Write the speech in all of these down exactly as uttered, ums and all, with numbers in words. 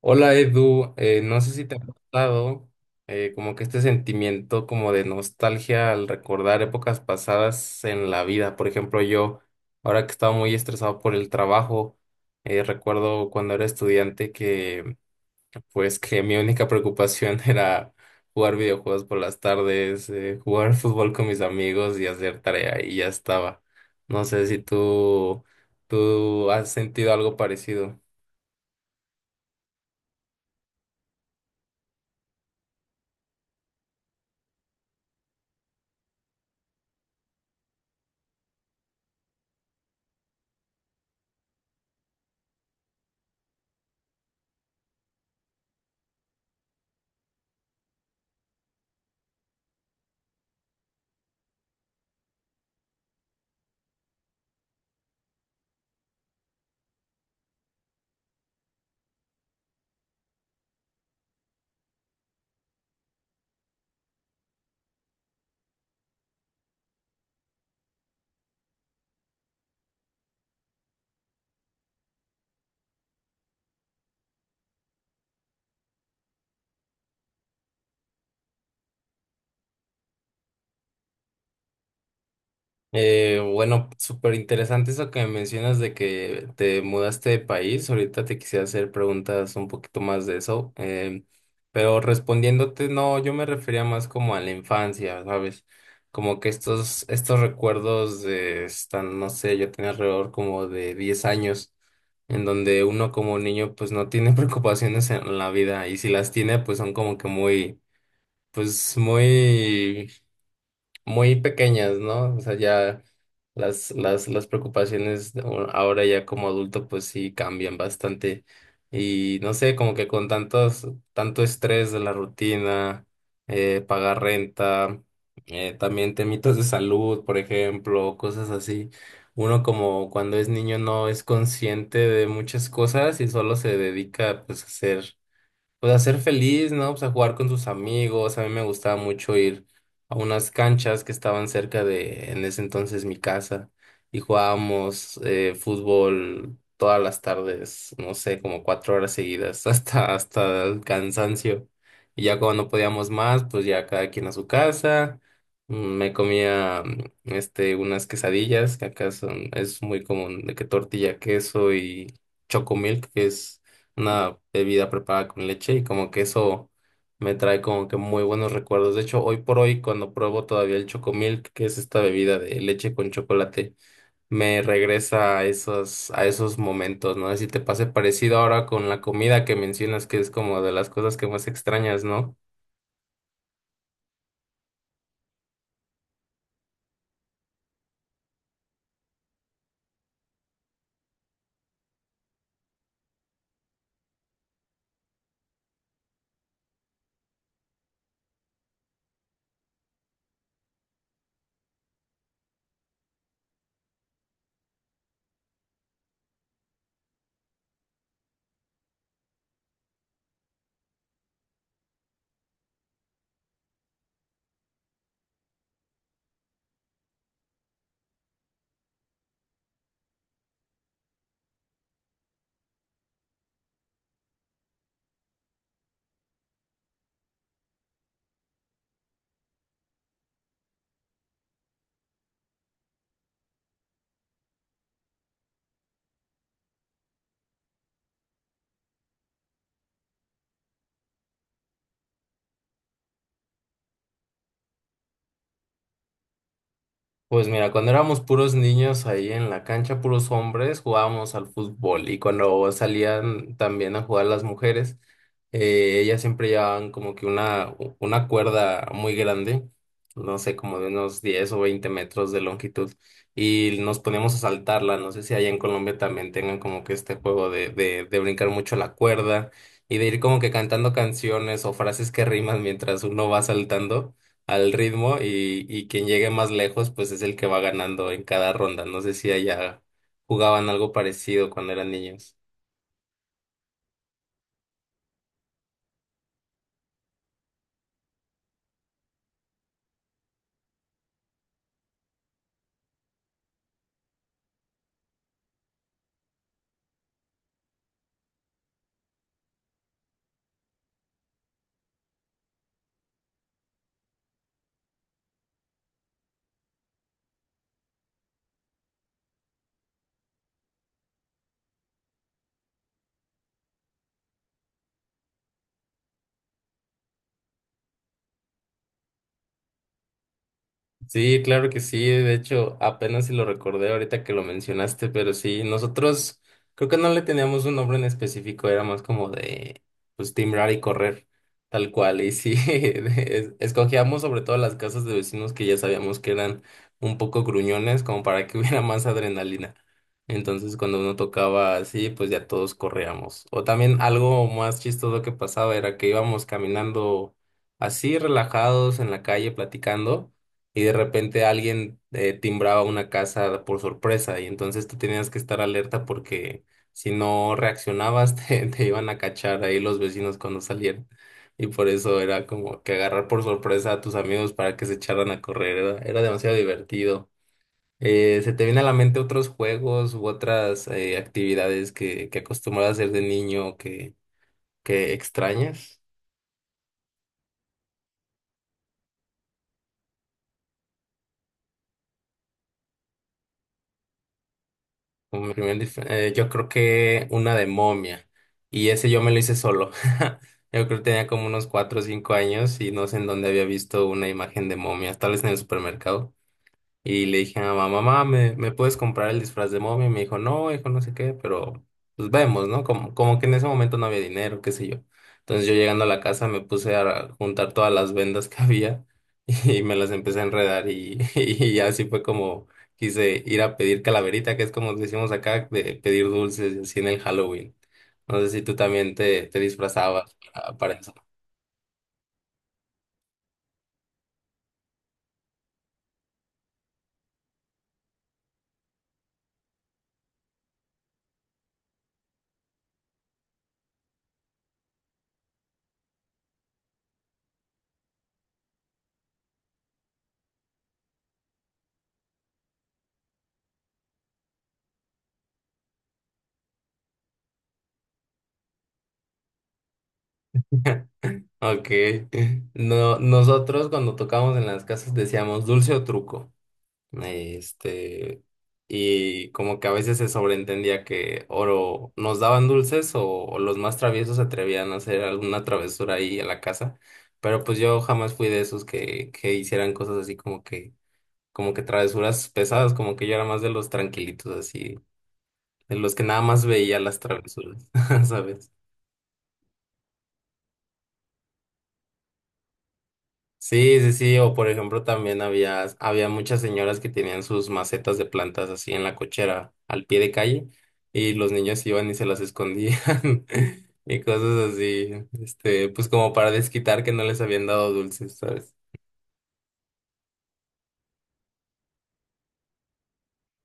Hola, Edu. Eh, no sé si te ha pasado, eh, como que este sentimiento como de nostalgia al recordar épocas pasadas en la vida. Por ejemplo, yo, ahora que estaba muy estresado por el trabajo, eh, recuerdo cuando era estudiante que pues que mi única preocupación era jugar videojuegos por las tardes, eh, jugar fútbol con mis amigos y hacer tarea y ya estaba. No sé si tú, tú has sentido algo parecido. Eh, bueno, súper interesante eso que mencionas de que te mudaste de país. Ahorita te quisiera hacer preguntas un poquito más de eso. Em, pero respondiéndote, no, yo me refería más como a la infancia, ¿sabes? Como que estos, estos recuerdos de, están, no sé, yo tenía alrededor como de diez años, en donde uno como niño pues no tiene preocupaciones en la vida y si las tiene pues son como que muy, pues muy muy pequeñas, ¿no? O sea, ya las, las, las preocupaciones de un- ahora ya como adulto pues sí cambian bastante. Y no sé, como que con tantos, tanto estrés de la rutina, eh, pagar renta, eh, también temitos de salud, por ejemplo, cosas así. Uno como cuando es niño no es consciente de muchas cosas y solo se dedica pues a hacer pues a ser feliz, ¿no? Pues a jugar con sus amigos. A mí me gustaba mucho ir a unas canchas que estaban cerca de, en ese entonces, mi casa. Y jugábamos eh, fútbol todas las tardes, no sé, como cuatro horas seguidas, hasta, hasta el cansancio. Y ya cuando no podíamos más, pues ya cada quien a su casa. Mm, Me comía mm, este, unas quesadillas, que acá son, es muy común, de que tortilla, queso y chocomilk, que es una bebida preparada con leche y como que eso me trae como que muy buenos recuerdos. De hecho, hoy por hoy, cuando pruebo todavía el Chocomilk, que es esta bebida de leche con chocolate, me regresa a esos, a esos momentos, ¿no? Si te pase parecido ahora con la comida que mencionas, que es como de las cosas que más extrañas, ¿no? Pues mira, cuando éramos puros niños ahí en la cancha, puros hombres, jugábamos al fútbol y cuando salían también a jugar las mujeres, eh, ellas siempre llevaban como que una, u- una cuerda muy grande, no sé, como de unos diez o veinte metros de longitud y nos poníamos a saltarla. No sé si allá en Colombia también tengan como que este juego de, de, de brincar mucho la cuerda y de ir como que cantando canciones o frases que riman mientras uno va saltando al ritmo y, y quien llegue más lejos pues es el que va ganando en cada ronda. No sé si allá jugaban algo parecido cuando eran niños. Sí, claro que sí. De hecho, apenas si lo recordé ahorita que lo mencionaste, pero sí, nosotros creo que no le teníamos un nombre en específico, era más como de pues timbrar y correr, tal cual. Y sí, de- es- escogíamos sobre todo las casas de vecinos que ya sabíamos que eran un poco gruñones, como para que hubiera más adrenalina. Entonces, cuando uno tocaba así, pues ya todos corríamos. O también algo más chistoso que pasaba era que íbamos caminando así relajados en la calle platicando y de repente alguien eh, timbraba una casa por sorpresa y entonces tú tenías que estar alerta porque si no reaccionabas te, te iban a cachar ahí los vecinos cuando salieran. Y por eso era como que agarrar por sorpresa a tus amigos para que se echaran a correr, era, era demasiado divertido. Eh, ¿se te viene a la mente otros juegos u otras eh, actividades que, que acostumbras a hacer de niño que, que extrañas? Como mi primer disfraz, eh, yo creo que una de momia. Y ese yo me lo hice solo. Yo creo que tenía como unos cuatro o cinco años y no sé en dónde había visto una imagen de momia, tal vez en el supermercado. Y le dije a mamá, mamá, ¿me, me puedes comprar el disfraz de momia? Y me dijo, no, hijo, no sé qué, pero pues vemos, ¿no? Como, como que en ese momento no había dinero, qué sé yo. Entonces yo llegando a la casa me puse a juntar todas las vendas que había y me las empecé a enredar y, y así fue como quise ir a pedir calaverita, que es como decimos acá, de pedir dulces y así en el Halloween. No sé si tú también te, te disfrazabas para para eso. Ok. No, nosotros cuando tocábamos en las casas decíamos dulce o truco. Este, y como que a veces se sobreentendía que oro nos daban dulces o, o los más traviesos se atrevían a hacer alguna travesura ahí en la casa, pero pues yo jamás fui de esos que, que hicieran cosas así como que, como que travesuras pesadas, como que yo era más de los tranquilitos así, de los que nada más veía las travesuras. ¿Sabes? Sí, sí, sí, o por ejemplo también había, había muchas señoras que tenían sus macetas de plantas así en la cochera, al pie de calle, y los niños iban y se las escondían y cosas así, este, pues como para desquitar que no les habían dado dulces, ¿sabes?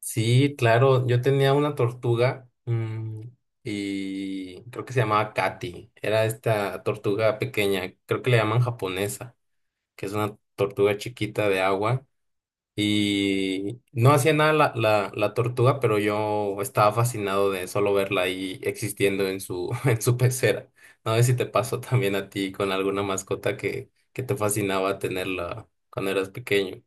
Sí, claro, yo tenía una tortuga, mm, y creo que se llamaba Katy. Era esta tortuga pequeña, creo que le llaman japonesa, que es una tortuga chiquita de agua. Y no hacía nada la, la, la tortuga, pero yo estaba fascinado de solo verla ahí existiendo en su, en su pecera. No sé si te pasó también a ti con alguna mascota que, que te fascinaba tenerla cuando eras pequeño.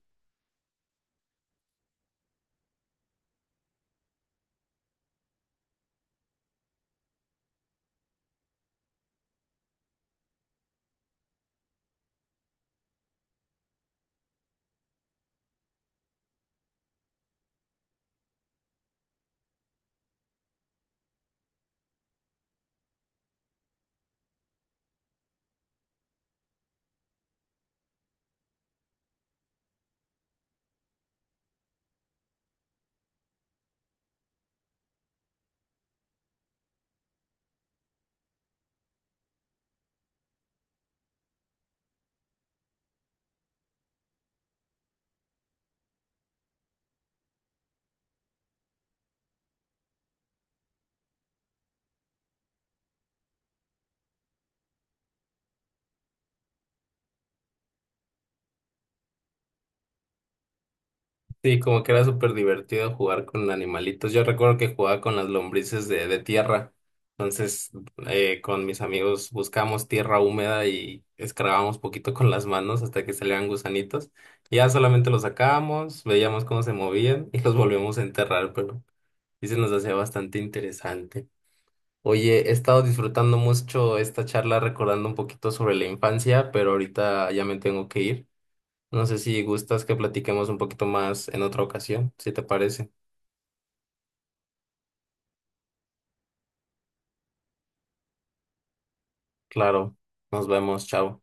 Sí, como que era súper divertido jugar con animalitos. Yo recuerdo que jugaba con las lombrices de, de tierra. Entonces, eh, con mis amigos buscábamos tierra húmeda y escarbábamos poquito con las manos hasta que salían gusanitos. Y ya solamente los sacábamos, veíamos cómo se movían y los volvíamos a enterrar, pero y se nos hacía bastante interesante. Oye, he estado disfrutando mucho esta charla recordando un poquito sobre la infancia, pero ahorita ya me tengo que ir. No sé si gustas que platiquemos un poquito más en otra ocasión, si te parece. Claro, nos vemos, chao.